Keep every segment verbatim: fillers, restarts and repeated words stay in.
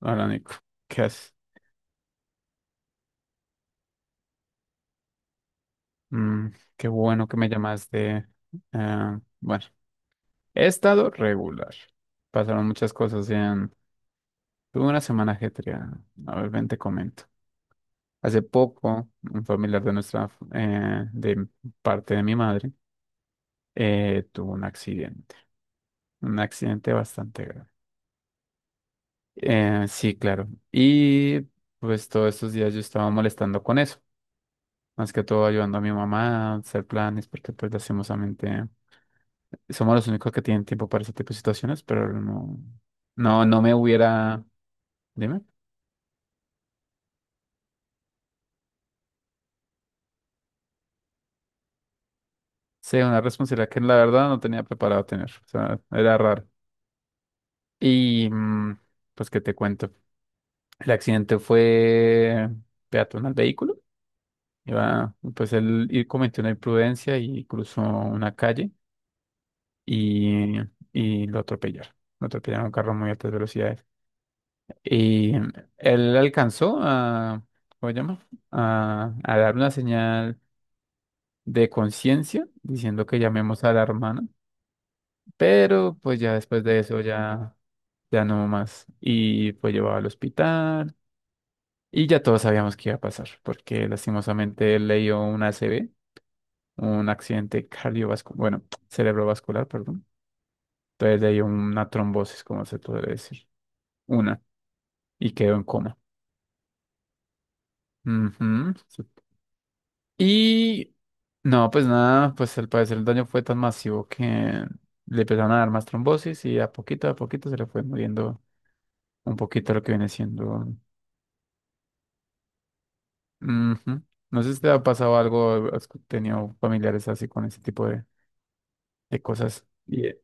Hola Nico, ¿qué haces? Mm. Qué bueno que me llamaste. Ah, bueno, he estado regular. Pasaron muchas cosas en... Tuve una semana ajetreada. A ver, ven, te comento. Hace poco, un familiar de nuestra, eh, de parte de mi madre, eh, tuvo un accidente. Un accidente bastante grave. Eh, sí, claro. Y pues todos estos días yo estaba molestando con eso. Más que todo ayudando a mi mamá a hacer planes, porque pues lastimosamente somos los únicos que tienen tiempo para ese tipo de situaciones, pero no, no, no me hubiera, dime, sí, una responsabilidad que la verdad no tenía preparado tener, o sea, era raro. Y mm, pues que te cuento, el accidente fue peatón al vehículo, iba, pues él ir- cometió una imprudencia y cruzó una calle y, y lo atropellaron, lo atropellaron un carro a muy altas velocidades. Y él alcanzó a, ¿cómo se llama? A, a dar una señal de conciencia diciendo que llamemos a la hermana, pero pues ya después de eso ya, ya no más. Y fue llevado al hospital y ya todos sabíamos qué iba a pasar, porque lastimosamente él le dio un A C V, un accidente cardiovascular, bueno, cerebrovascular, perdón. Entonces le dio una trombosis, como se puede decir, una, y quedó en coma. Ujú. Y no, pues nada, pues al parecer el daño fue tan masivo que le empezaron a dar más trombosis y a poquito a poquito se le fue muriendo un poquito lo que viene siendo. Ujú. No sé si te ha pasado algo, has tenido familiares así con ese tipo de, de cosas. Y, eh,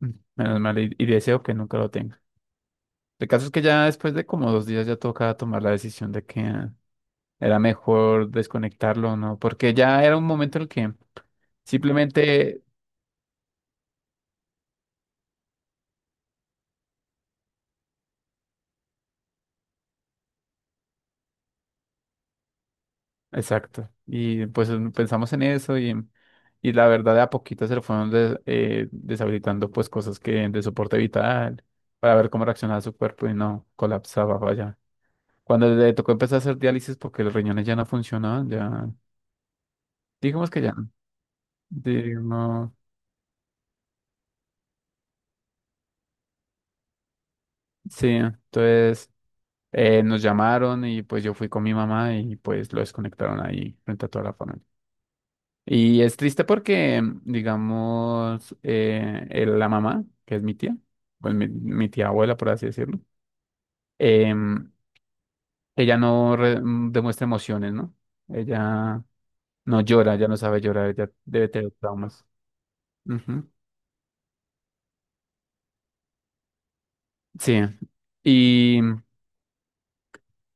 mm, menos mal, y, y deseo que nunca lo tenga. El caso es que ya después de como dos días ya tocaba tomar la decisión de que era mejor desconectarlo, ¿no? Porque ya era un momento en el que... simplemente. Exacto. Y pues em, pensamos en eso y, y la verdad de a poquito se le fueron des- eh, deshabilitando pues cosas que de soporte vital para ver cómo reaccionaba su cuerpo y no colapsaba, vaya. Cuando le tocó empezar a hacer diálisis porque los riñones ya no funcionaban, ya digamos que ya, no. Digamos, sí, entonces eh, nos llamaron y pues yo fui con mi mamá y pues lo desconectaron ahí frente a toda la familia. Y es triste porque, digamos, eh, el- la mamá, que es mi tía, pues mi, mi tía abuela, por así decirlo, em, ella no re- mm, demuestra emociones, ¿no? Ella no llora, ya no sabe llorar, ella debe tener traumas. Ujú. Sí. Y,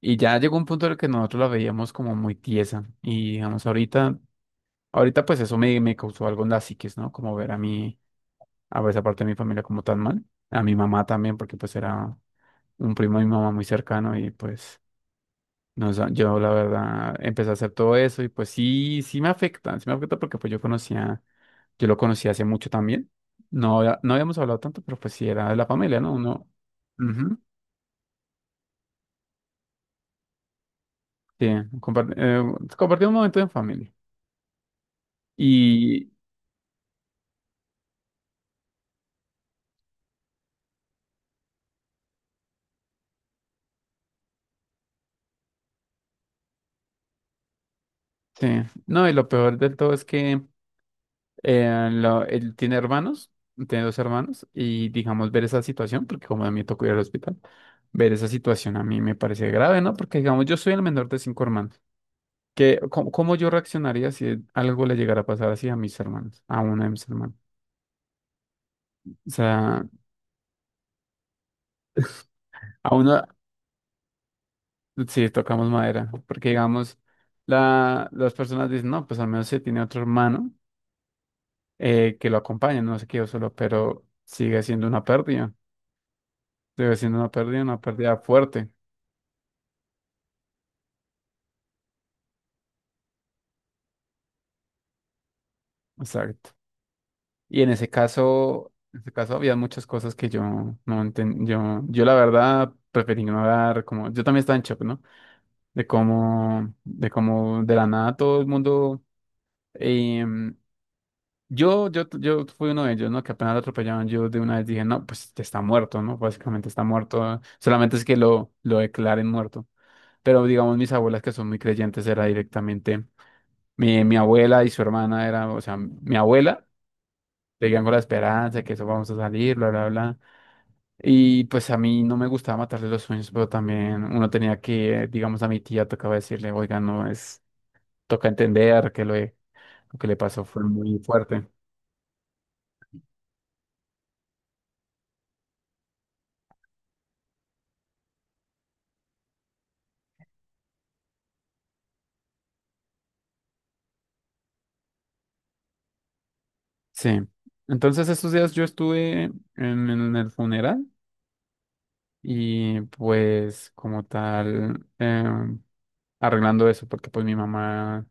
y ya llegó un punto en el que nosotros la veíamos como muy tiesa. Y digamos, ahorita, ahorita pues eso me, me causó algo en la psiquis, ¿no? Como ver a mí a esa parte de mi familia como tan mal. A mi mamá también, porque pues era, un primo de mi mamá muy cercano y pues nos, da- yo la verdad empecé a hacer todo eso y pues sí, sí me afecta, sí me afecta porque pues yo conocía, yo lo conocía hace mucho también. No, había- no habíamos hablado tanto, pero pues sí era de la familia, ¿no? Uno, ujú, sí, compar- eh, compartí un momento en familia. Y sí, no, y lo peor del todo es que Eh, lo- él tiene hermanos, tiene dos hermanos, y digamos ver esa situación, porque como a mí me tocó ir al hospital, ver esa situación a mí me parece grave, ¿no? Porque digamos, yo soy el menor de cinco hermanos. ¿Qué, cómo, cómo yo reaccionaría si algo le llegara a pasar así a mis hermanos, a uno de mis hermanos? O sea, a uno, sí, tocamos madera, porque digamos, la, las personas dicen, no, pues al menos se tiene otro hermano eh, que lo acompaña, no se quedó solo, pero sigue siendo una pérdida, sigue siendo una pérdida, una pérdida fuerte. Exacto. Y en ese caso, en ese caso había muchas cosas que yo no entendí. Yo, yo la verdad preferí ignorar, como yo también estaba en shock, ¿no? De cómo, de cómo de la nada todo el mundo. em, yo, yo, yo fui uno de ellos, ¿no? Que apenas lo atropellaron, yo de una vez dije, no, pues está muerto, ¿no? Básicamente está muerto. Solamente es que lo, lo declaren muerto. Pero digamos, mis abuelas que son muy creyentes, era directamente mi, mi abuela y su hermana, era, o sea, mi abuela. Te digan con la esperanza de que eso vamos a salir, bla, bla, bla. Y pues a mí no me gustaba matarle los sueños, pero también uno tenía que, eh, digamos, a mi tía tocaba decirle, oiga, no es, toca entender que lo, e, lo que le pasó fue muy fuerte. Sí. Entonces estos días yo estuve en, en el funeral y pues como tal, em, arreglando eso, porque pues mi mamá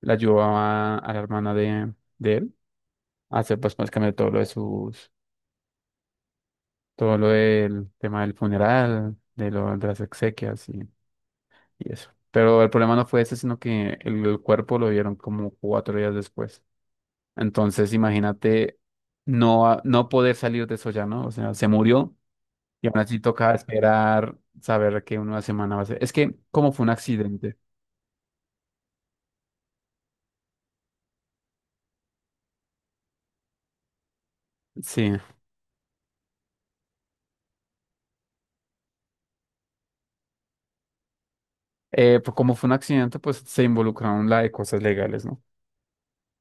la ayudaba a la hermana de, de él a hacer pues básicamente todo lo de sus todo lo del tema del funeral, de, lo, de las exequias y, y eso. Pero el problema no fue ese, sino que el, el cuerpo lo vieron como cuatro días después. Entonces, imagínate no, a- no poder salir de eso ya, ¿no? O sea, se murió y aún así toca esperar, saber que en una semana va a ser. Es que como fue un accidente, sí. Eh, pues como fue un accidente, pues se involucraron la de cosas legales, ¿no?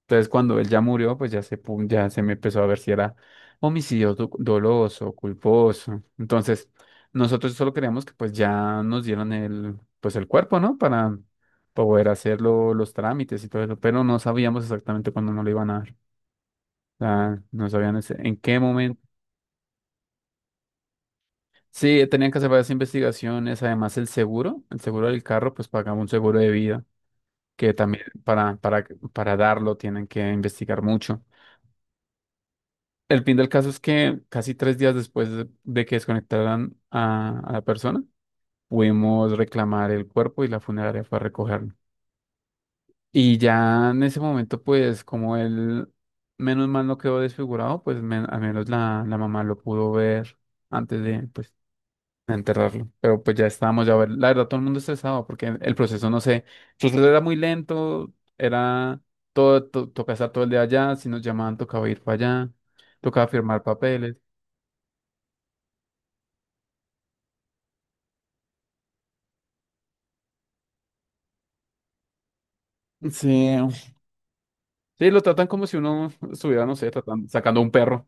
Entonces, cuando él ya murió, pues ya se, pu- ya se me empezó a ver si era homicidio do- doloso, culposo. Entonces, nosotros solo queríamos que pues ya nos dieran el, pues el cuerpo, ¿no? Para poder hacer lo- los trámites y todo eso, pero no sabíamos exactamente cuándo nos lo iban a dar. O sea, no sabían ese- en qué momento. Sí, tenían que hacer varias investigaciones, además el seguro, el seguro del carro, pues pagaba un seguro de vida, que también para, para, para darlo tienen que investigar mucho. El fin del caso es que casi tres días después de de que desconectaran a, a la persona, pudimos reclamar el cuerpo y la funeraria fue a recogerlo. Y ya en ese momento, pues como él, menos mal no quedó desfigurado, pues men- al menos la, la mamá lo pudo ver antes de, pues, de enterrarlo. Pero pues ya estábamos, ya, ver- la verdad, todo el mundo estresado porque el el proceso, no sé, el proceso era muy lento, era todo, to- tocaba estar todo el día allá, si nos llamaban tocaba ir para allá, tocaba firmar papeles. Sí, sí, lo tratan como si uno estuviera, no sé, tratando- sacando un perro.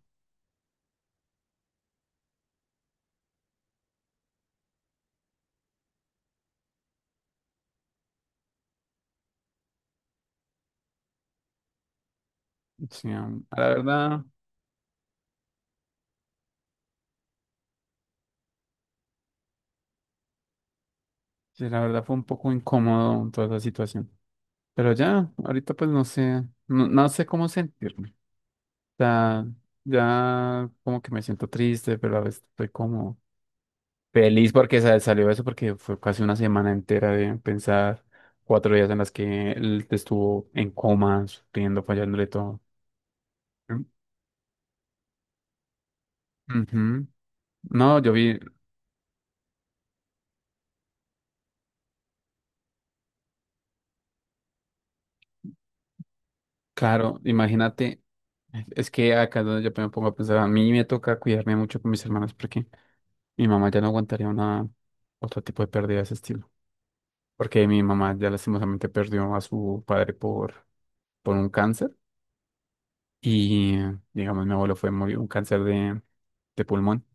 Sí, um, la verdad, sí, la verdad fue un poco incómodo toda esa situación. Pero ya, ahorita pues no sé, no, no sé cómo sentirme. O sea, ya como que me siento triste, pero a veces estoy como feliz porque sa- salió eso, porque fue casi una semana entera de pensar, cuatro días en las que él estuvo en coma, sufriendo, fallándole todo. Mm. Ujú. No, yo vi, claro, imagínate, es que acá es donde yo me pongo a pensar, a mí me toca cuidarme mucho con mis hermanos porque mi mamá ya no aguantaría una otro tipo de pérdida de ese estilo, porque mi mamá ya lastimosamente perdió a su padre por, por un cáncer y digamos mi abuelo fue murió un cáncer de, de pulmón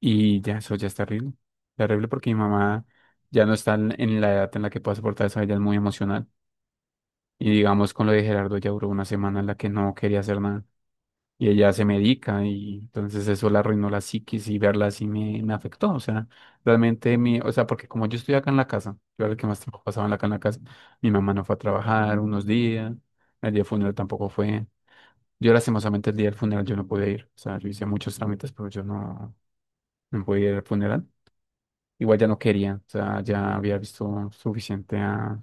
y ya eso ya es terrible, terrible porque mi mamá ya no está en en la edad en la que pueda soportar eso, ella es muy emocional y digamos con lo de Gerardo ya duró una semana en la que no quería hacer nada. Y ella se medica y entonces eso la arruinó la psiquis y verla así me, me afectó, o sea, realmente mi, o sea, porque como yo estoy acá en la casa, yo era el que más tiempo pasaba en la- acá en la casa, mi mamá no fue a trabajar unos días, el día del funeral tampoco fue, yo lastimosamente el día del funeral yo no pude ir, o sea, yo hice muchos trámites, pero yo no, no pude ir al funeral, igual ya no quería, o sea, ya había visto suficiente a,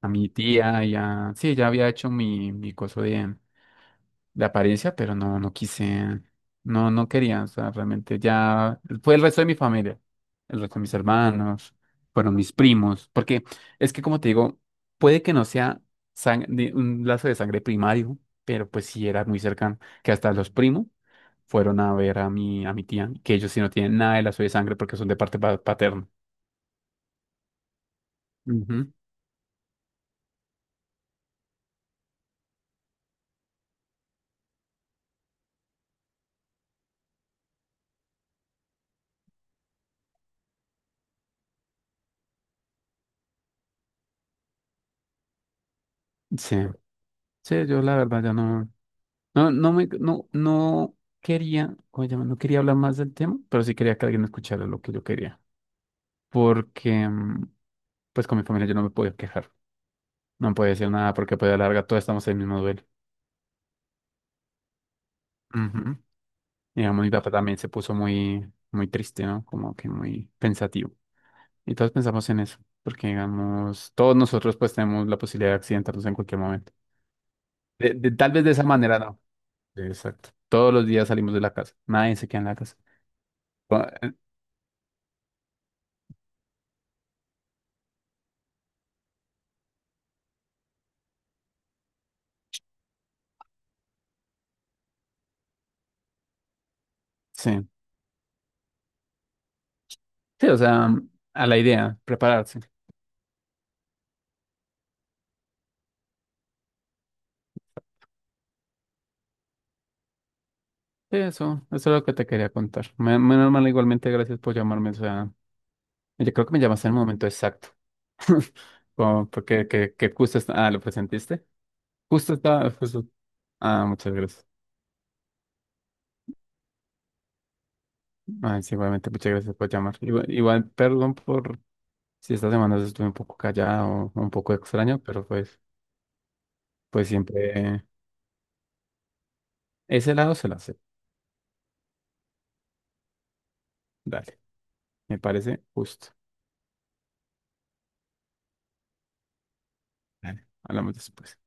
a mi tía, ya, sí, ya había hecho mi, mi coso de de apariencia, pero no, no quise, no, no quería, o sea, realmente ya fue el resto de mi familia, el resto de mis hermanos, fueron mis primos, porque es que como te digo, puede que no sea sang- de- un lazo de sangre primario, pero pues sí era muy cercano, que hasta los primos fueron a ver a mi, a mi tía, que ellos sí no tienen nada de lazo de sangre porque son de parte pa- paterna. Ujú. Sí, sí, yo la verdad ya no. No, no me, no, no quería, ¿cómo se llama? No quería hablar más del tema, pero sí quería que alguien escuchara lo que yo quería. Porque, mm, pues con mi familia yo no me podía quejar. No me podía decir nada porque pues a la larga todos estamos en el mismo duelo. Ujú. Digamos, mi papá también se puso muy, muy triste, ¿no? Como que muy pensativo. Y todos pensamos en eso, porque digamos, todos nosotros pues tenemos la posibilidad de accidentarnos en cualquier momento. De- de- tal vez de esa manera no. Exacto. Todos los días salimos de la casa, nadie se queda en la casa. Cu- eh, Sí. Sí, o sea, a la idea, prepararse. Sí, eso, eso es lo que te quería contar. Me- Menos mal, igualmente, gracias por llamarme. O sea, yo creo que me llamaste en el momento exacto. Como porque que, que justo está, ah, lo presentiste. Justo está, justo. Ah, muchas gracias. Ah, sí, igualmente, muchas gracias por llamar. Igual, igual, perdón por si esta semana estuve un poco callado o un poco extraño, pero pues, pues siempre eh, ese lado se lo hace. Dale, me parece justo. Dale, hablamos después.